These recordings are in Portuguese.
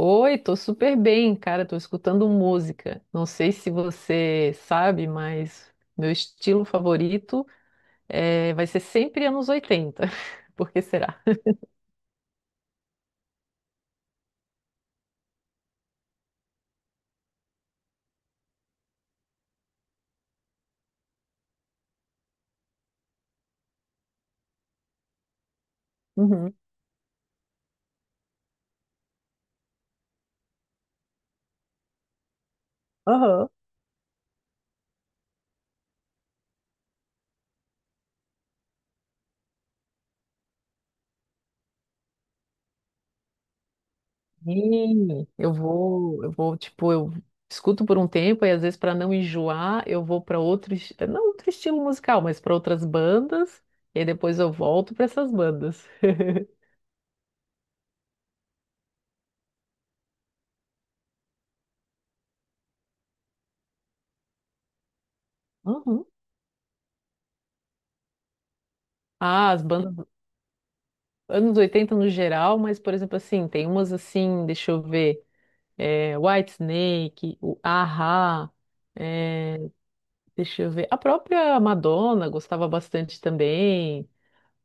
Oi, tô super bem, cara. Tô escutando música. Não sei se você sabe, mas meu estilo favorito vai ser sempre anos 80. Por que será? Uhum. Aham. Tipo, eu escuto por um tempo e às vezes para não enjoar, eu vou para outro, não outro estilo musical, mas para outras bandas, e aí depois eu volto para essas bandas. Uhum. Ah, as bandas. Anos 80 no geral, mas, por exemplo, assim, tem umas assim, deixa eu ver, é, Whitesnake, o A-ha, deixa eu ver, a própria Madonna gostava bastante também.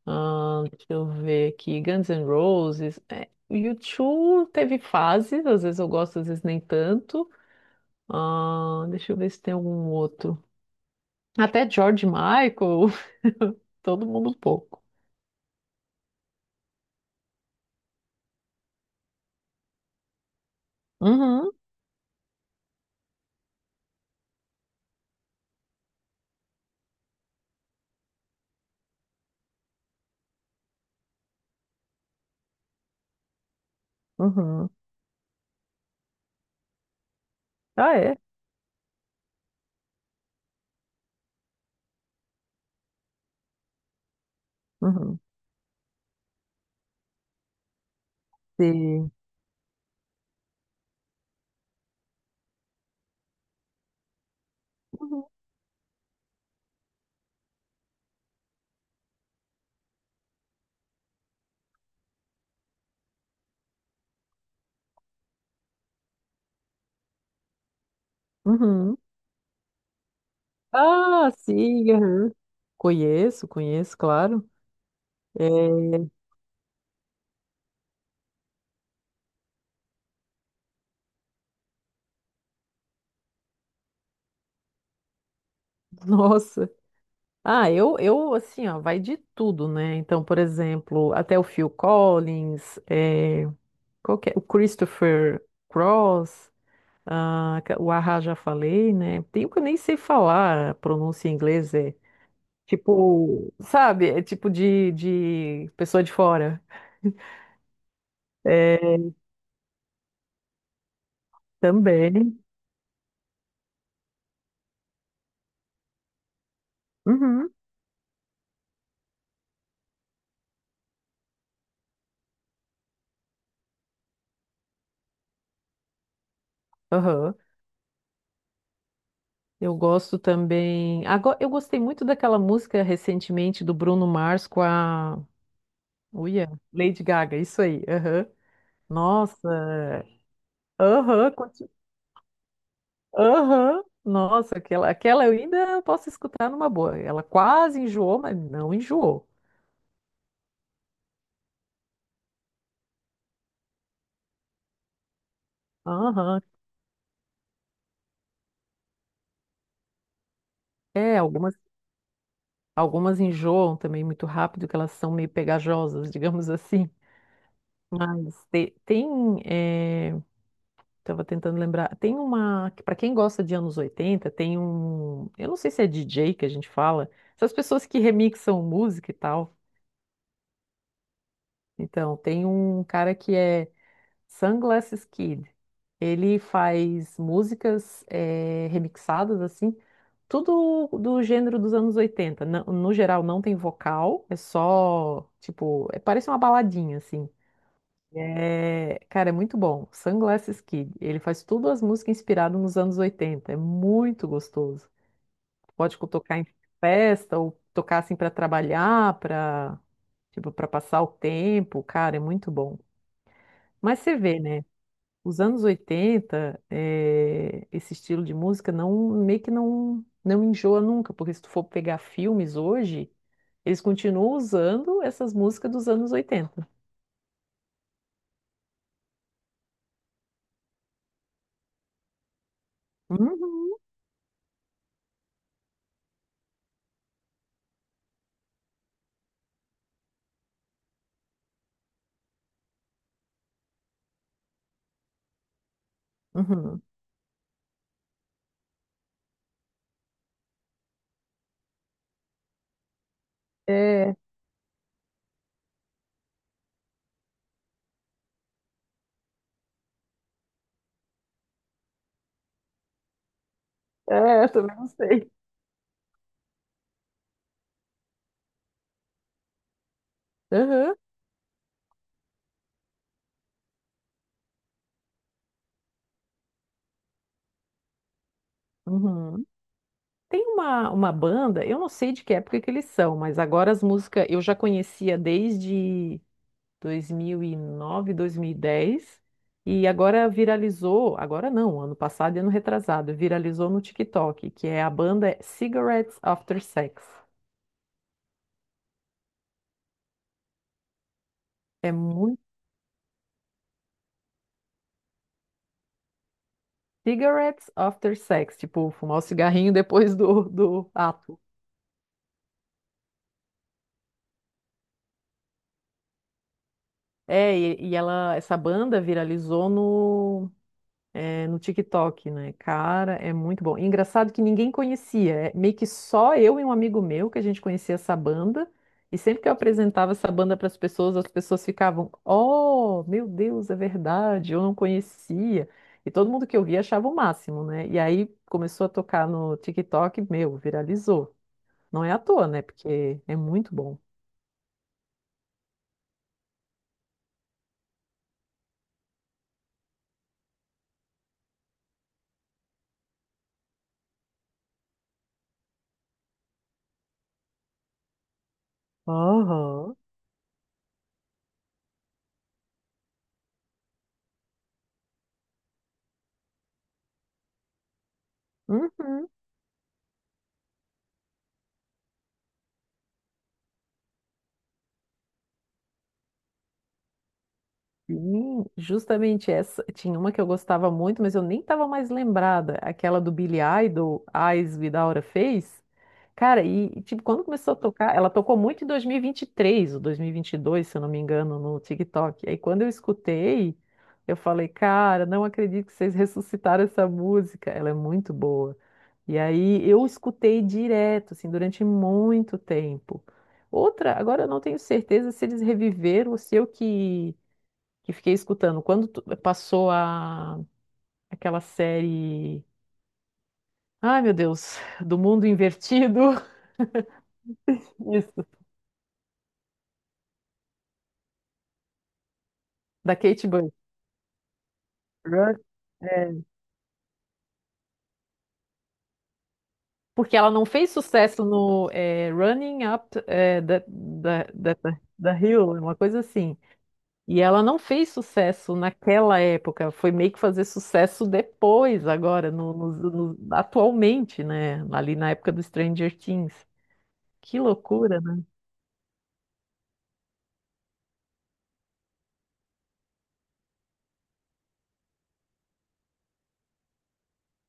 Deixa eu ver aqui, Guns N' Roses, é, o U2 teve fases, às vezes eu gosto, às vezes nem tanto. Deixa eu ver se tem algum outro, até George Michael, todo mundo um pouco. Uhum. Uhum. Ah, é. Uhum. Sim. Uhum. Uhum. Ah, sim, aham. Conheço, conheço, claro. É, nossa. Ah, assim, ó, vai de tudo, né? Então, por exemplo, até o Phil Collins, é, qual que é? O Christopher Cross, ah, o Ahá já falei, né? Tem um que eu nem sei falar, a pronúncia em inglês é tipo, sabe? É tipo de pessoa de fora. É, também. Uhum, aham. Eu gosto também. Agora, eu gostei muito daquela música recentemente do Bruno Mars com a. Uia, Lady Gaga, isso aí. Aham. Nossa, aham, aham. Nossa, aquela eu ainda posso escutar numa boa. Ela quase enjoou, mas não enjoou. Aham. É, algumas enjoam também muito rápido, que elas são meio pegajosas, digamos assim. Mas tem. Tava tentando lembrar. Tem uma, para quem gosta de anos 80, tem um, eu não sei se é DJ que a gente fala, essas pessoas que remixam música e tal. Então, tem um cara que é Sunglasses Kid. Ele faz músicas remixadas assim, tudo do gênero dos anos 80. No geral não tem vocal, é só, tipo, parece uma baladinha assim. É, cara, é muito bom. Sunglasses Kid. Ele faz tudo as músicas inspiradas nos anos 80. É muito gostoso. Pode tocar em festa ou tocar assim para trabalhar, para, tipo, para passar o tempo. Cara, é muito bom. Mas você vê, né? Os anos 80 é, esse estilo de música, não meio que não enjoa nunca, porque se tu for pegar filmes hoje, eles continuam usando essas músicas dos anos 80. Uhum. Uhum. É, é, eu também não sei. Aham. Uhum. Tem uma, banda, eu não sei de que época que eles são, mas agora as músicas eu já conhecia desde 2009, 2010, e nove, 2010, e agora viralizou, agora não, ano passado e ano retrasado, viralizou no TikTok, que é a banda Cigarettes After Sex. É muito. Cigarettes After Sex, tipo, fumar o cigarrinho depois do ato. É, e ela, essa banda viralizou, é, no TikTok, né? Cara, é muito bom. E engraçado que ninguém conhecia, é meio que só eu e um amigo meu que a gente conhecia essa banda. E sempre que eu apresentava essa banda para as pessoas ficavam: Oh, meu Deus, é verdade, eu não conhecia. E todo mundo que eu via achava o máximo, né? E aí começou a tocar no TikTok, meu, viralizou. Não é à toa, né? Porque é muito bom. Aham. Uhum. Sim, justamente essa. Tinha uma que eu gostava muito, mas eu nem tava mais lembrada. Aquela do Billy Idol, Eyes Without a Face. Cara, tipo, quando começou a tocar, ela tocou muito em 2023 ou 2022, se eu não me engano, no TikTok. Aí quando eu escutei, eu falei, cara, não acredito que vocês ressuscitaram essa música. Ela é muito boa. E aí eu escutei direto, assim, durante muito tempo. Outra, agora eu não tenho certeza se eles reviveram ou se eu que fiquei escutando. Quando passou a, aquela série. Ai, meu Deus, do mundo invertido. Isso, da Kate Bush. Run- é, porque ela não fez sucesso no Running Up da Hill, uma coisa assim. E ela não fez sucesso naquela época, foi meio que fazer sucesso depois, agora, atualmente, né? Ali na época do Stranger Things. Que loucura, né?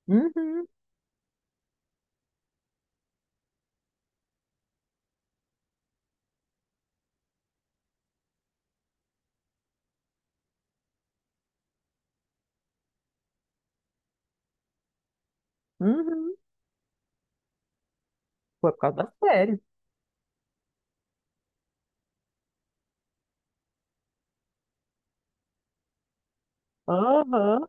Uhum. Uhum. Foi por causa da série. Aham.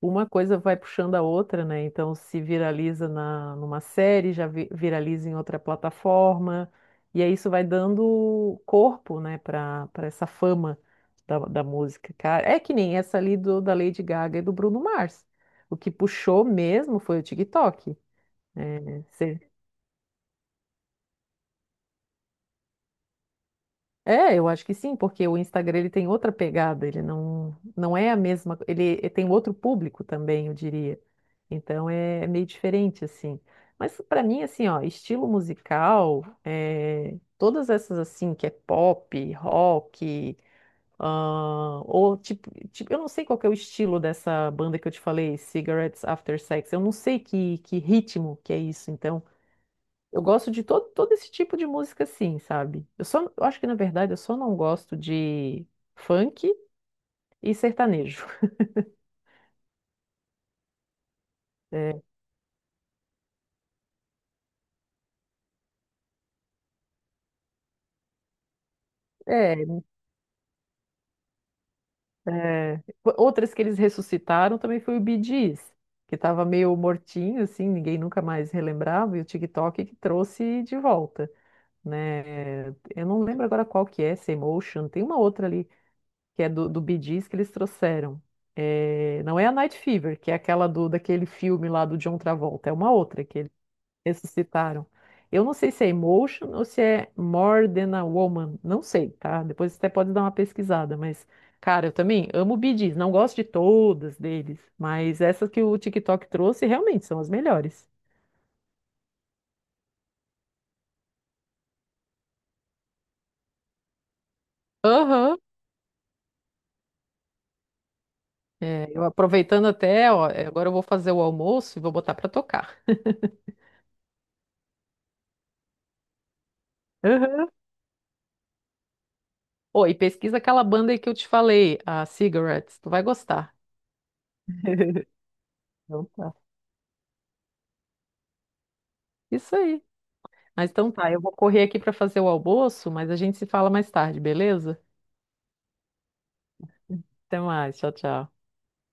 Uma coisa vai puxando a outra, né? Então, se viraliza na, numa série, já viraliza em outra plataforma, e aí isso vai dando corpo, né, para essa fama da música, cara. É que nem essa ali do, da Lady Gaga e do Bruno Mars. O que puxou mesmo foi o TikTok. É, eu acho que sim, porque o Instagram ele tem outra pegada, ele não é a mesma, ele tem outro público também, eu diria. Então é, é meio diferente assim. Mas pra mim assim, ó, estilo musical, é, todas essas assim que é pop, rock, ah, ou eu não sei qual que é o estilo dessa banda que eu te falei, Cigarettes After Sex. Eu não sei que ritmo que é isso. Então eu gosto de todo esse tipo de música, assim, sabe? Eu só, eu acho que na verdade eu só não gosto de funk e sertanejo. É, é, é. Outras que eles ressuscitaram também foi o Bee Gees, que estava meio mortinho, assim, ninguém nunca mais relembrava, e o TikTok que trouxe de volta, né? Eu não lembro agora qual que é, essa Emotion, tem uma outra ali que é do Bee Gees que eles trouxeram. É, não é a Night Fever, que é aquela do, daquele filme lá do John Travolta, é uma outra que ressuscitaram. Eu não sei se é Emotion ou se é More Than a Woman, não sei, tá? Depois você até pode dar uma pesquisada, mas, cara, eu também amo Bee Gees, não gosto de todas deles, mas essas que o TikTok trouxe realmente são as melhores. Aham. É, eu aproveitando até, ó, é, agora eu vou fazer o almoço e vou botar pra tocar. Aham. Ô, e pesquisa aquela banda aí que eu te falei, a Cigarettes, tu vai gostar. Então tá. Isso aí. Mas então tá, eu vou correr aqui pra fazer o almoço, mas a gente se fala mais tarde, beleza? Até mais. Tchau, tchau.